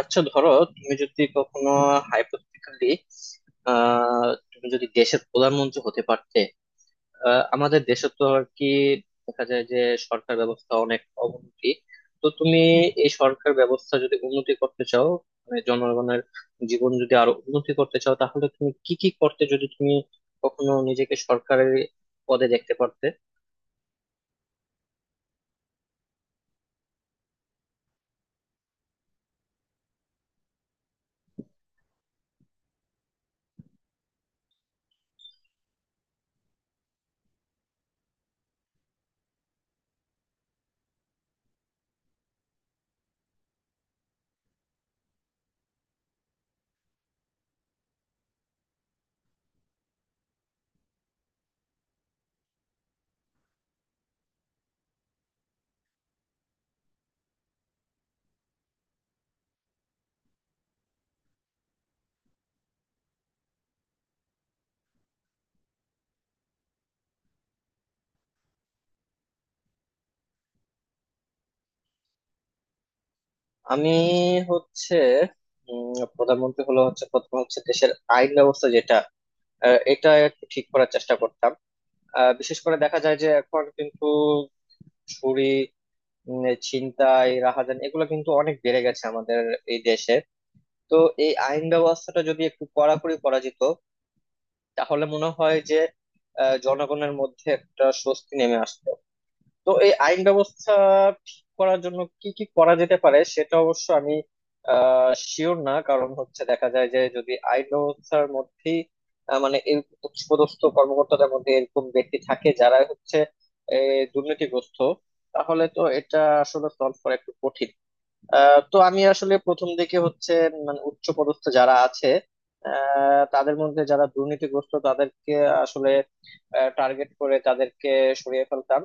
আচ্ছা ধরো, তুমি যদি কখনো হাইপোথেটিক্যালি তুমি যদি দেশের প্রধানমন্ত্রী হতে পারতে। আমাদের দেশে তো আর কি দেখা যায় যে সরকার ব্যবস্থা অনেক অবনতি। তো তুমি এই সরকার ব্যবস্থা যদি উন্নতি করতে চাও, মানে জনগণের জীবন যদি আরো উন্নতি করতে চাও তাহলে তুমি কি কি করতে যদি তুমি কখনো নিজেকে সরকারের পদে দেখতে পারতে? আমি হচ্ছে প্রধানমন্ত্রী হলো হচ্ছে প্রথম হচ্ছে দেশের আইন ব্যবস্থা যেটা এটা একটু ঠিক করার চেষ্টা করতাম। বিশেষ করে দেখা যায় যে এখন কিন্তু চুরি, ছিনতাই রাহাজান এগুলো কিন্তু অনেক বেড়ে গেছে আমাদের এই দেশে। তো এই আইন ব্যবস্থাটা যদি একটু কড়াকড়ি করা যেত তাহলে মনে হয় যে জনগণের মধ্যে একটা স্বস্তি নেমে আসতো। তো এই আইন ব্যবস্থা ঠিক করার জন্য কি কি করা যেতে পারে সেটা অবশ্য আমি শিওর না, কারণ হচ্ছে দেখা যায় যে যদি আইন ব্যবস্থার মধ্যেই মানে এই উচ্চপদস্থ কর্মকর্তাদের মধ্যে এরকম ব্যক্তি থাকে যারা হচ্ছে এ, দুর্নীতিগ্রস্ত, তাহলে তো এটা আসলে সলভ করা একটু কঠিন। তো আমি আসলে প্রথম দিকে হচ্ছে মানে উচ্চপদস্থ যারা আছে তাদের মধ্যে যারা দুর্নীতিগ্রস্ত তাদেরকে আসলে টার্গেট করে তাদেরকে সরিয়ে ফেলতাম,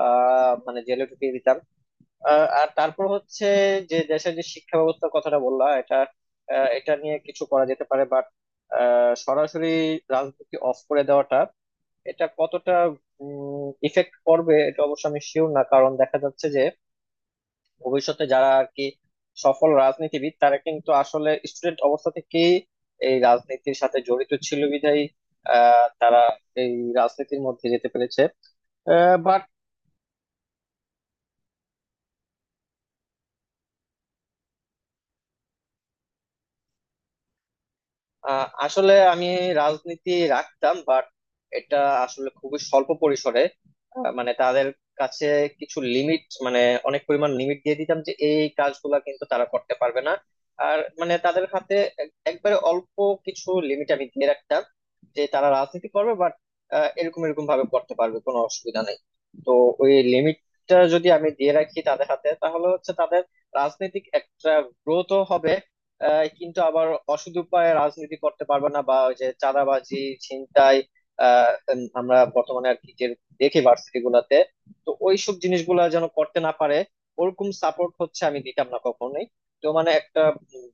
মানে জেলে ঢুকিয়ে দিতাম। আর তারপর হচ্ছে যে দেশের যে শিক্ষা ব্যবস্থার কথাটা বললাম এটা এটা নিয়ে কিছু করা যেতে পারে, বাট সরাসরি রাজনীতি অফ করে দেওয়াটা এটা কতটা ইফেক্ট করবে এটা অবশ্য আমি শিওর না, কারণ দেখা যাচ্ছে যে ভবিষ্যতে যারা আর কি সফল রাজনীতিবিদ তারা কিন্তু আসলে স্টুডেন্ট অবস্থা থেকেই এই রাজনীতির সাথে জড়িত ছিল বিধায় তারা এই রাজনীতির মধ্যে যেতে পেরেছে। আসলে আমি রাজনীতি রাখতাম বাট এটা আসলে খুবই স্বল্প পরিসরে। মানে তাদের কাছে কিছু লিমিট, মানে অনেক পরিমাণ লিমিট দিয়ে দিতাম যে এই কাজগুলা কিন্তু তারা করতে পারবে না। আর মানে তাদের হাতে একবারে অল্প কিছু লিমিট আমি দিয়ে রাখতাম যে তারা রাজনীতি করবে বাট এরকম এরকম ভাবে করতে পারবে, কোনো অসুবিধা নেই। তো ওই লিমিটটা যদি আমি দিয়ে রাখি তাদের হাতে তাহলে হচ্ছে তাদের রাজনৈতিক একটা গ্রোথও হবে, কিন্তু আবার অসৎ উপায়ে রাজনীতি করতে পারবে না, বা ওই যে চাঁদাবাজি ছিনতাই আমরা বর্তমানে আর কি যে দেখি ভার্সিটি গুলাতে। তো ওইসব জিনিসগুলা যেন করতে না পারে ওরকম সাপোর্ট হচ্ছে আমি দিতাম না কখনোই। তো মানে একটা উম,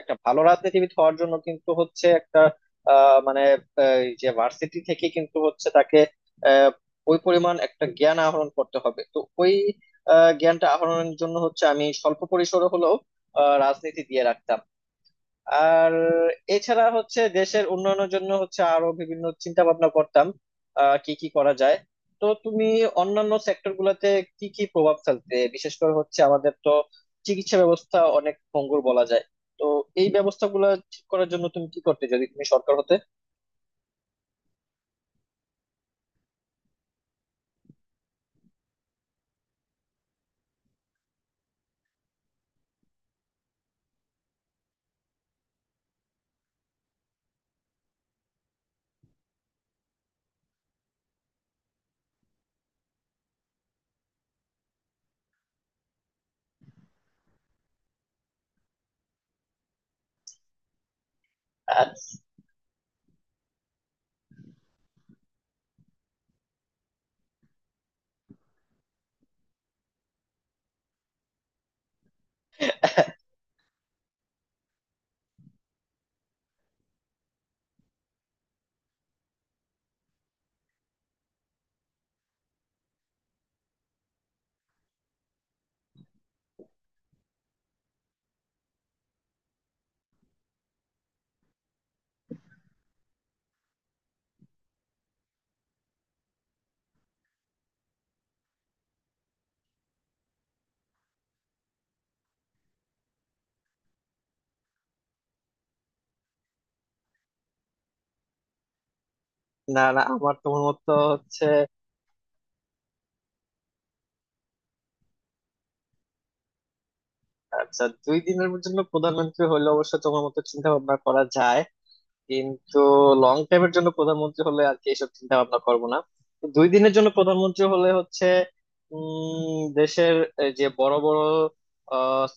একটা ভালো রাজনীতিবিদ হওয়ার জন্য কিন্তু হচ্ছে একটা মানে, এই যে ভার্সিটি থেকে কিন্তু হচ্ছে তাকে আহ, ওই পরিমাণ একটা জ্ঞান আহরণ করতে হবে। তো ওই জ্ঞানটা আহরণের জন্য হচ্ছে আমি স্বল্প পরিসরে হলেও রাজনীতি দিয়ে রাখতাম। আর এছাড়া হচ্ছে দেশের উন্নয়নের জন্য হচ্ছে আরো বিভিন্ন চিন্তা ভাবনা করতাম কি কি করা যায়। তো তুমি অন্যান্য সেক্টর গুলাতে কি কি প্রভাব ফেলতে? বিশেষ করে হচ্ছে আমাদের তো চিকিৎসা ব্যবস্থা অনেক ভঙ্গুর বলা যায়। তো এই ব্যবস্থাগুলো ঠিক করার জন্য তুমি কি করতে যদি তুমি সরকার হতে? আর না না, আমার তোমার মতো হচ্ছে। আচ্ছা দুই দিনের জন্য প্রধানমন্ত্রী হলে অবশ্য তোমার মতো চিন্তা ভাবনা করা যায়, কিন্তু লং টাইমের জন্য প্রধানমন্ত্রী হলে আর কি এসব চিন্তা ভাবনা করবো না। তো দুই দিনের জন্য প্রধানমন্ত্রী হলে হচ্ছে দেশের এই যে বড় বড়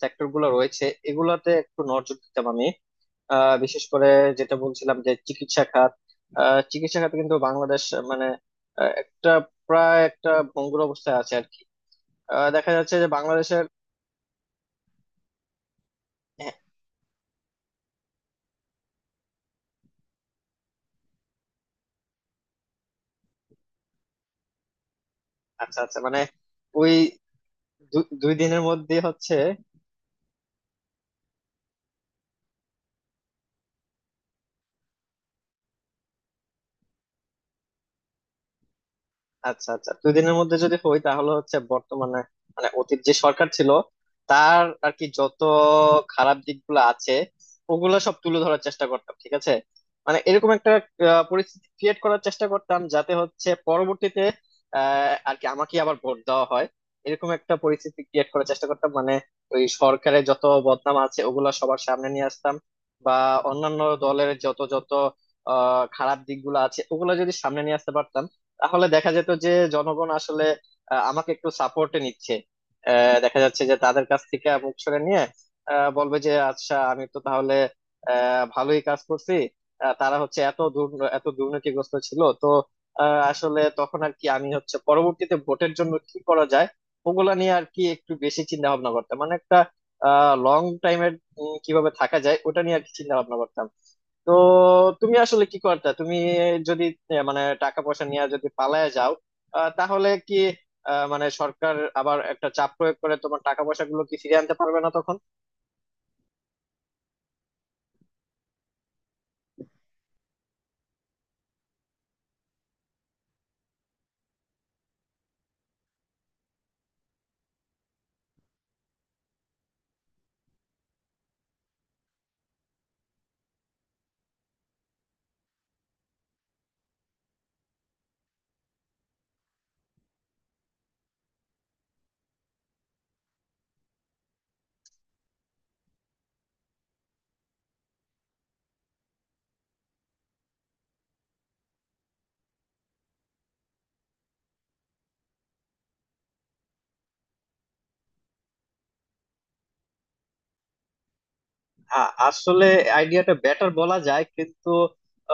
সেক্টর গুলো রয়েছে এগুলাতে একটু নজর দিতাম আমি। বিশেষ করে যেটা বলছিলাম যে চিকিৎসা খাত। চিকিৎসা খাতে কিন্তু বাংলাদেশ মানে একটা প্রায় একটা ভঙ্গুর অবস্থায় আছে আর কি। দেখা যাচ্ছে যে বাংলাদেশের। হ্যাঁ, আচ্ছা আচ্ছা, মানে ওই দুই দিনের মধ্যে হচ্ছে। আচ্ছা আচ্ছা, দুই দিনের মধ্যে যদি হই তাহলে হচ্ছে বর্তমানে, মানে অতীত যে সরকার ছিল তার আর কি যত খারাপ দিকগুলো আছে ওগুলো সব তুলে ধরার চেষ্টা করতাম, ঠিক আছে। মানে এরকম একটা পরিস্থিতি ক্রিয়েট করার চেষ্টা করতাম যাতে হচ্ছে পরবর্তীতে আর কি আমাকে আবার ভোট দেওয়া হয়, এরকম একটা পরিস্থিতি ক্রিয়েট করার চেষ্টা করতাম। মানে ওই সরকারের যত বদনাম আছে ওগুলা সবার সামনে নিয়ে আসতাম, বা অন্যান্য দলের যত যত খারাপ দিকগুলো আছে ওগুলো যদি সামনে নিয়ে আসতে পারতাম তাহলে দেখা যেত যে জনগণ আসলে আমাকে একটু সাপোর্টে নিচ্ছে। দেখা যাচ্ছে যে তাদের কাছ থেকে মুখ সরে নিয়ে বলবে যে আচ্ছা আমি তো তাহলে ভালোই কাজ করছি, তারা হচ্ছে এত এত দুর্নীতিগ্রস্ত ছিল। তো আসলে তখন আর কি আমি হচ্ছে পরবর্তীতে ভোটের জন্য কি করা যায় ওগুলা নিয়ে আর কি একটু বেশি চিন্তা ভাবনা করতাম। মানে একটা লং টাইমের কিভাবে থাকা যায় ওটা নিয়ে আর কি চিন্তা ভাবনা করতাম। তো তুমি আসলে কি করতে তুমি যদি মানে টাকা পয়সা নিয়ে যদি পালায় যাও তাহলে কি মানে সরকার আবার একটা চাপ প্রয়োগ করে তোমার টাকা পয়সা গুলো কি ফিরিয়ে আনতে পারবে না তখন? আসলে আইডিয়াটা বেটার বলা যায়, কিন্তু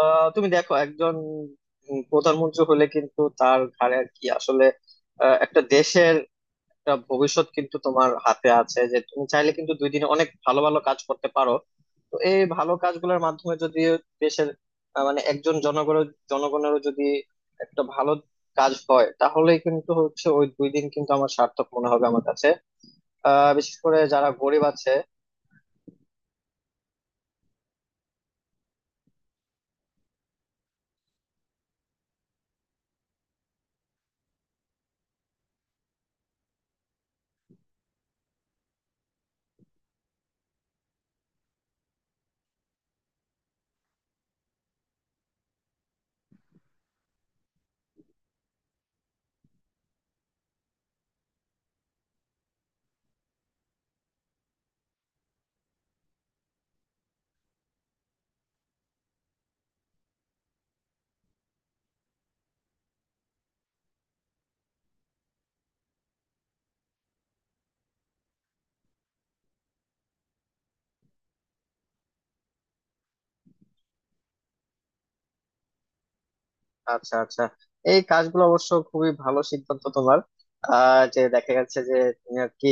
তুমি দেখো একজন প্রধানমন্ত্রী হলে কিন্তু তার ঘাড়ে আর কি আসলে একটা দেশের একটা ভবিষ্যৎ কিন্তু তোমার হাতে আছে, যে তুমি চাইলে কিন্তু দুই দিনে অনেক ভালো ভালো কাজ করতে পারো। তো এই ভালো কাজগুলোর মাধ্যমে যদি দেশের মানে একজন জনগণের জনগণেরও যদি একটা ভালো কাজ হয় তাহলে কিন্তু হচ্ছে ওই দুই দিন কিন্তু আমার সার্থক মনে হবে আমার কাছে। বিশেষ করে যারা গরিব আছে। আচ্ছা আচ্ছা, এই কাজগুলো অবশ্য খুবই ভালো সিদ্ধান্ত তোমার, যে দেখা যাচ্ছে যে তুমি আর কি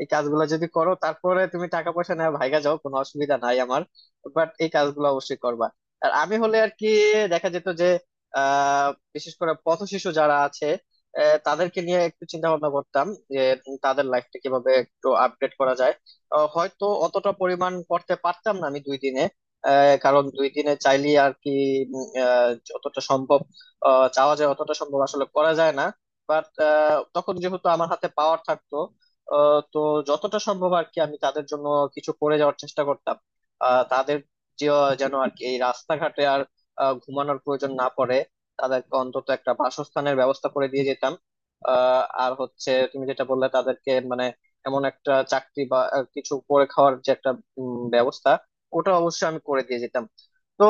এই কাজগুলো যদি করো তারপরে তুমি টাকা পয়সা নেওয়া ভাইগা যাও কোনো অসুবিধা নাই আমার, বাট এই কাজগুলো অবশ্যই করবা। আর আমি হলে আর কি দেখা যেত যে আহ বিশেষ করে পথ শিশু যারা আছে তাদেরকে নিয়ে একটু চিন্তা ভাবনা করতাম, যে তাদের লাইফটা কিভাবে একটু আপডেট করা যায়। হয়তো অতটা পরিমাণ করতে পারতাম না আমি দুই দিনে, কারণ দুই দিনে চাইলে আর কি যতটা সম্ভব চাওয়া যায় অতটা সম্ভব আসলে করা যায় না, বাট তখন যেহেতু আমার হাতে পাওয়ার থাকতো তো যতটা সম্ভব আর কি আমি তাদের জন্য কিছু করে যাওয়ার চেষ্টা করতাম। তাদের যেন আর কি এই রাস্তাঘাটে আর ঘুমানোর প্রয়োজন না পড়ে, তাদেরকে অন্তত একটা বাসস্থানের ব্যবস্থা করে দিয়ে যেতাম। আর হচ্ছে তুমি যেটা বললে তাদেরকে মানে এমন একটা চাকরি বা কিছু করে খাওয়ার যে একটা ব্যবস্থা, ওটা অবশ্যই আমি করে দিয়ে যেতাম। তো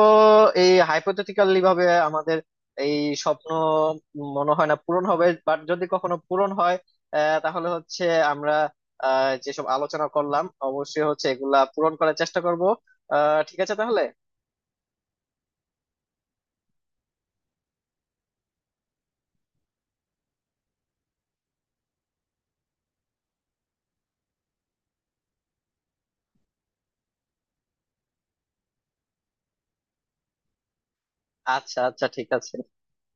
এই হাইপোথেটিক্যালি ভাবে আমাদের এই স্বপ্ন মনে হয় না পূরণ হবে, বাট যদি কখনো পূরণ হয় তাহলে হচ্ছে আমরা যেসব আলোচনা করলাম অবশ্যই হচ্ছে এগুলা পূরণ করার চেষ্টা করব। ঠিক আছে তাহলে। আচ্ছা আচ্ছা, ঠিক আছে।